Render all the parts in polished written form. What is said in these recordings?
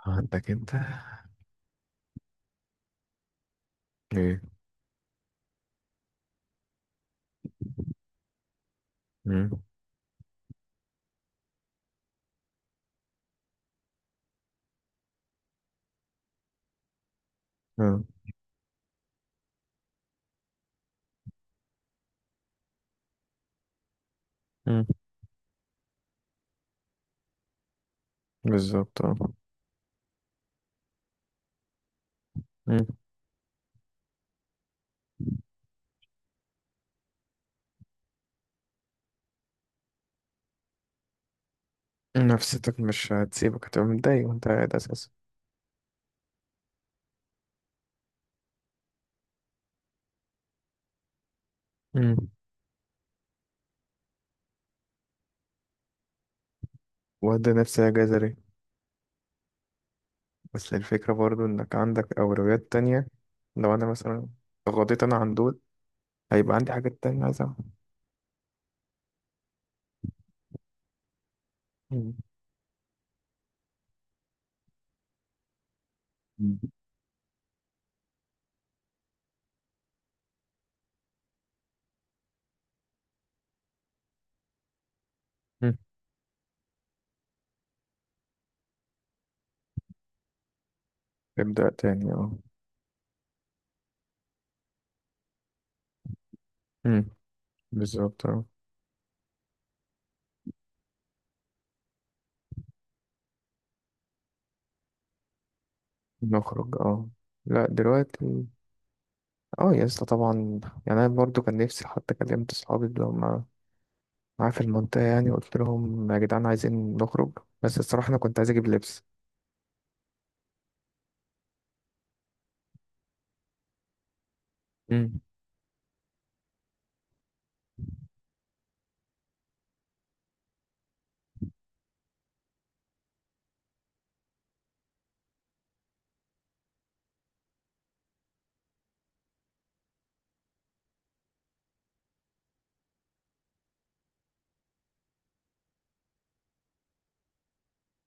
عندك انت ايه. مم. اه. مم. بالظبط اه. مم. نفسيتك مش هتسيبك، هتبقى متضايق وانت قاعد اساسا. مم. وده نفسي اجازة ليه. بس الفكرة برضو انك عندك اولويات تانية. لو انا مثلا غضيت انا عن دول، هيبقى عندي حاجات تانية عايز اعملها. مم. مم. مم. ابدأ تاني اه. مم. بالظبط اه. نخرج اه. لا دلوقتي. اه يا اسطى طبعا. يعني انا برضو كان نفسي، حتى كلمت اصحابي اللي هم معاه في المنطقة، يعني قلت لهم يا جدعان عايزين نخرج. بس الصراحة أنا كنت عايز أجيب لبس. امم.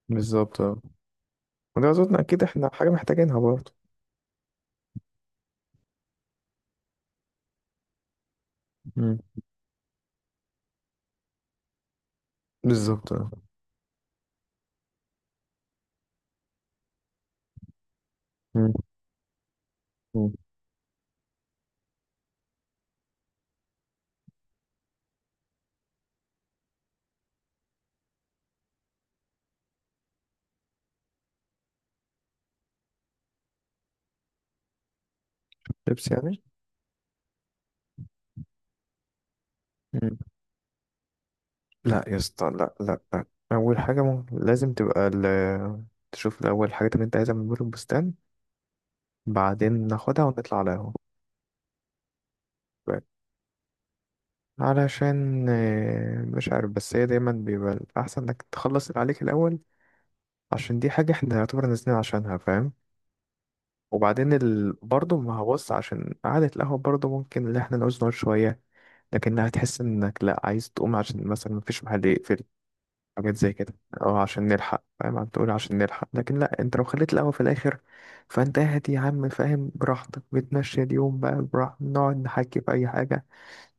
بالظبط اه. وده أظن أكيد إحنا حاجة محتاجينها برضه. امم. بالظبط اه. مم. مم. لبس يعني. امم. لا يا اسطى، لا لا لا. أول حاجة ممكن لازم تبقى تشوف الأول الحاجات اللي أنت عايزها من بور البستان، بعدين ناخدها ونطلع على القهوة. علشان مش عارف، بس هي دايما بيبقى الأحسن إنك تخلص اللي عليك الأول. عشان دي حاجة إحنا يعتبر نازلين عشانها، فاهم. وبعدين برضه ما هبص، عشان قعدة القهوة برضه ممكن اللي احنا نعوز نقعد شوية. لكن هتحس انك لا عايز تقوم، عشان مثلا مفيش محل يقفل. حاجات زي كده. او عشان نلحق، فاهم؟ عم تقول عشان نلحق، لكن لا، انت لو خليت القهوة في الاخر، فانت قاعد يا عم، فاهم، براحتك، بتمشي اليوم بقى براحتك، نقعد نحكي في اي حاجة.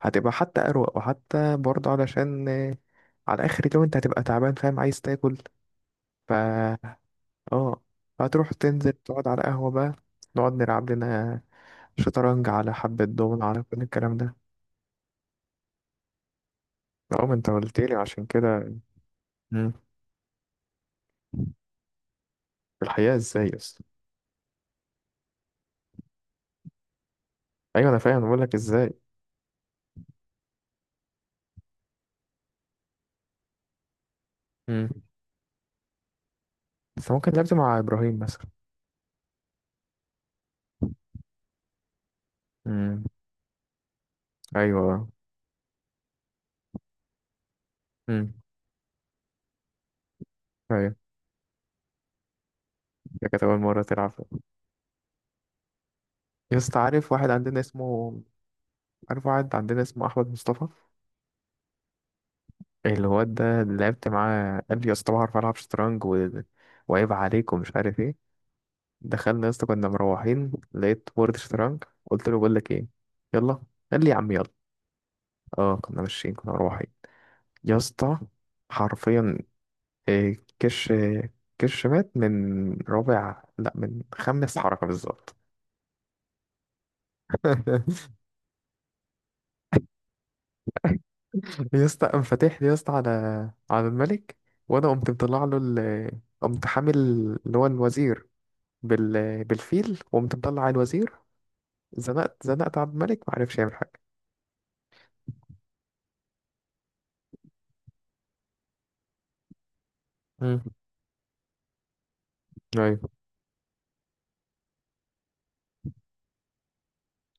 هتبقى حتى اروق، وحتى برضه علشان على اخر اليوم انت هتبقى تعبان، فاهم، عايز تاكل. ف اه، هتروح تنزل تقعد على قهوة بقى، نقعد نلعب لنا شطرنج، على حبة دومنة، على كل الكلام ده. اه ما انت قلت لي عشان كده. مم. في الحقيقة ازاي اصلا؟ ايوه انا فاهم، بقول لك ازاي. مم. بس ممكن لعبت مع ابراهيم مثلا. مم. ايوه. مم. ايوه. ده كانت اول مرة تلعب؟ يا اسطى عارف واحد عندنا اسمه، عارف واحد عندنا اسمه احمد مصطفى. الواد ده اللي لعبت معاه، قال لي يا اسطى بعرف العب شطرنج وعيب عليك ومش عارف ايه. دخلنا يا اسطى كنا مروحين، لقيت بورد شطرنج، قلت له بقول لك ايه، يلا. قال لي يا عم يلا. اه كنا ماشيين كنا روحي. يا اسطى، حرفيا، كش، كش مات من رابع، لا، من خامس حركة بالظبط. يا اسطى قام فاتح لي يا اسطى على الملك. وانا قمت مطلع له قمت حامل اللي هو الوزير، بالفيل، وقمت مطلع على الوزير، زنقت على الملك، ما عرفش يعمل حاجة. امم. ايوه.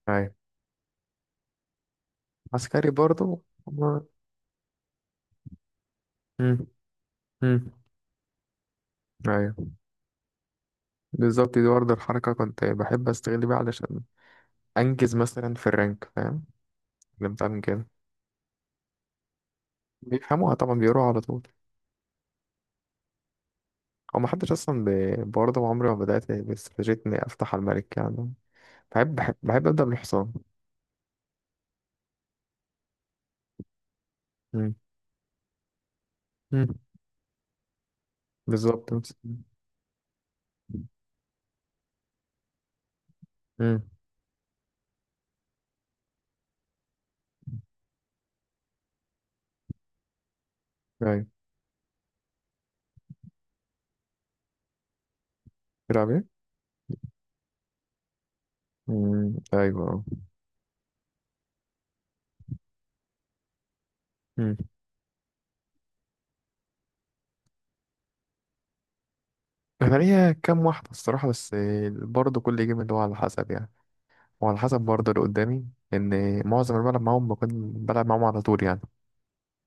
ايوه عسكري برضه. امم. امم. ايوه بالظبط، دي برضه الحركة كنت بحب استغل بيها علشان انجز مثلا في الرانك، فاهم. اللي بتاع من كده بيفهموها طبعا، بيقروها على طول. هو محدش اصلا برضه عمري ما بدات باستراتيجيه اني افتح على الملك يعني. بحب ابدا بالحصان. مم. مم. بالظبط. امم. ايوه. بتلعب ايه؟ مم. ايوه اه. مم. انا ليا كام واحده الصراحه، بس برضه كل جيم اللي هو على حسب يعني، وعلى حسب برضه اللي قدامي. ان معظم اللي بلعب معاهم بكون بلعب معاهم على طول يعني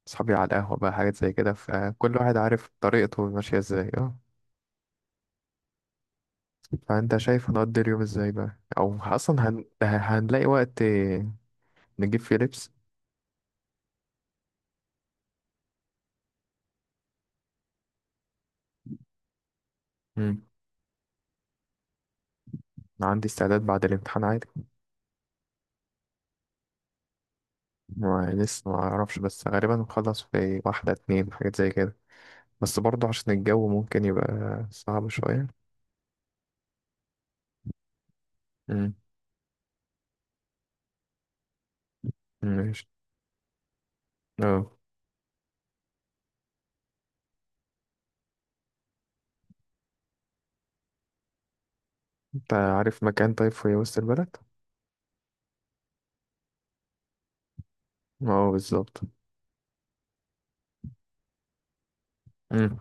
اصحابي على القهوه بقى، حاجات زي كده، فكل واحد عارف طريقته ماشيه ازاي اه. فانت شايف هنقضي اليوم ازاي بقى؟ او اصلا هنلاقي وقت نجيب فيه لبس؟ مم. أنا عندي استعداد بعد الامتحان عادي. ما لسه ما اعرفش، بس غالبا نخلص في واحدة اتنين، حاجات زي كده. بس برضه عشان الجو ممكن يبقى صعب شوية. مم. ماشي اه. انت عارف مكان طيب في وسط البلد؟ اه بالظبط. مم.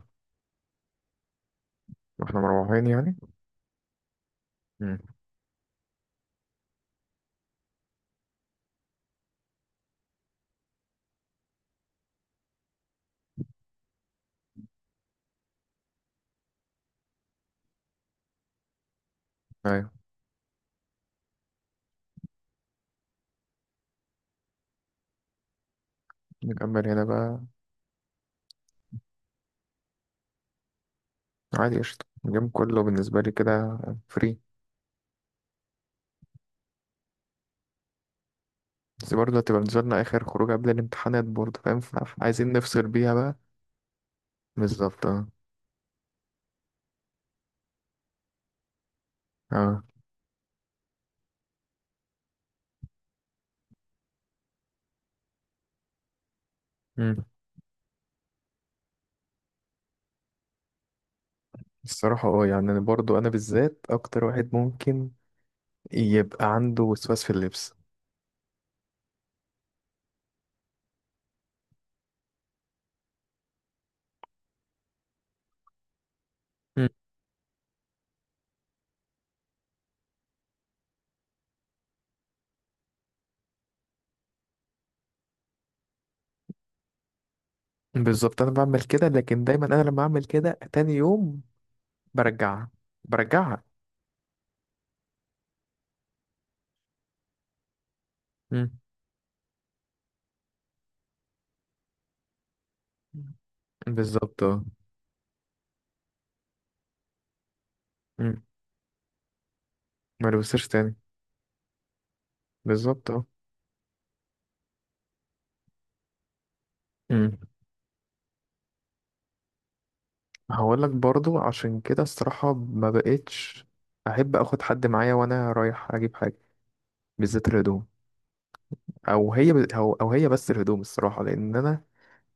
واحنا مروحين يعني. مم. ايوه. نكمل هنا بقى. عادي، قشطة، اليوم كله بالنسبة لي كده فري. بس برضه هتبقى بالنسبة لنا آخر خروج قبل الامتحانات برضه، فاهم، فعايزين نفصل بيها بقى. بالظبط اه. اه. مم. الصراحة اه يعني أنا برضه أنا بالذات أكتر واحد ممكن يبقى عنده وسواس في اللبس. مم. بالظبط أنا بعمل كده، لكن دايما أنا لما أعمل كده تاني يوم برجعها. برجعها. مم. بالظبط اه. مم. ما لبسش تاني. بالظبط اه. مم. هقول لك برضو عشان كده الصراحة ما بقتش أحب أخد حد معايا وأنا رايح أجيب حاجة، بالذات الهدوم. او هي بس الهدوم الصراحه، لان انا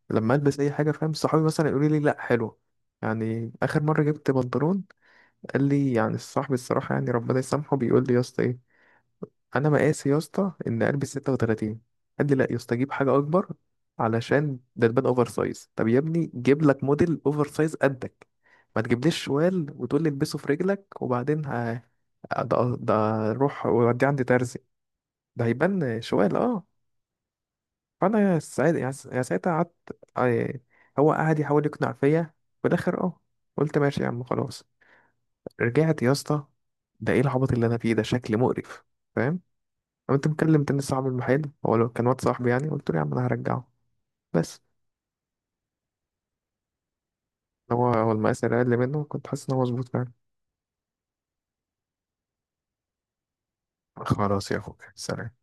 لما البس اي حاجه، فاهم، صحابي مثلا يقولوا لي لا حلو. يعني اخر مره جبت بنطلون، قال لي، يعني الصاحب الصراحه يعني ربنا يسامحه، بيقول لي يا اسطى ايه، انا مقاسي يا اسطى ان البس 36، قال لي لا يا اسطى جيب حاجه اكبر علشان ده تبان اوفر سايز. طب يا ابني جيب لك موديل اوفر سايز قدك، ما تجيبليش شوال وتقول لي البسه في رجلك، وبعدين ده روح ودي عندي ترزي، ده هيبان شوال اه. فانا ساعتها قعدت، يعني، هو قعد يحاول يقنع فيا، في الاخر اه قلت ماشي يا عم خلاص. رجعت يا اسطى، ده ايه العبط اللي انا فيه، ده شكل مقرف، فاهم. قمت مكلم تاني صاحب المحل، هو لو كان واد صاحبي، يعني قلت له يا عم انا هرجعه، بس هو المقاس اللي اقل منه كنت حاسس ان هو مظبوط فعلا. خلاص يا اخوك، سلام.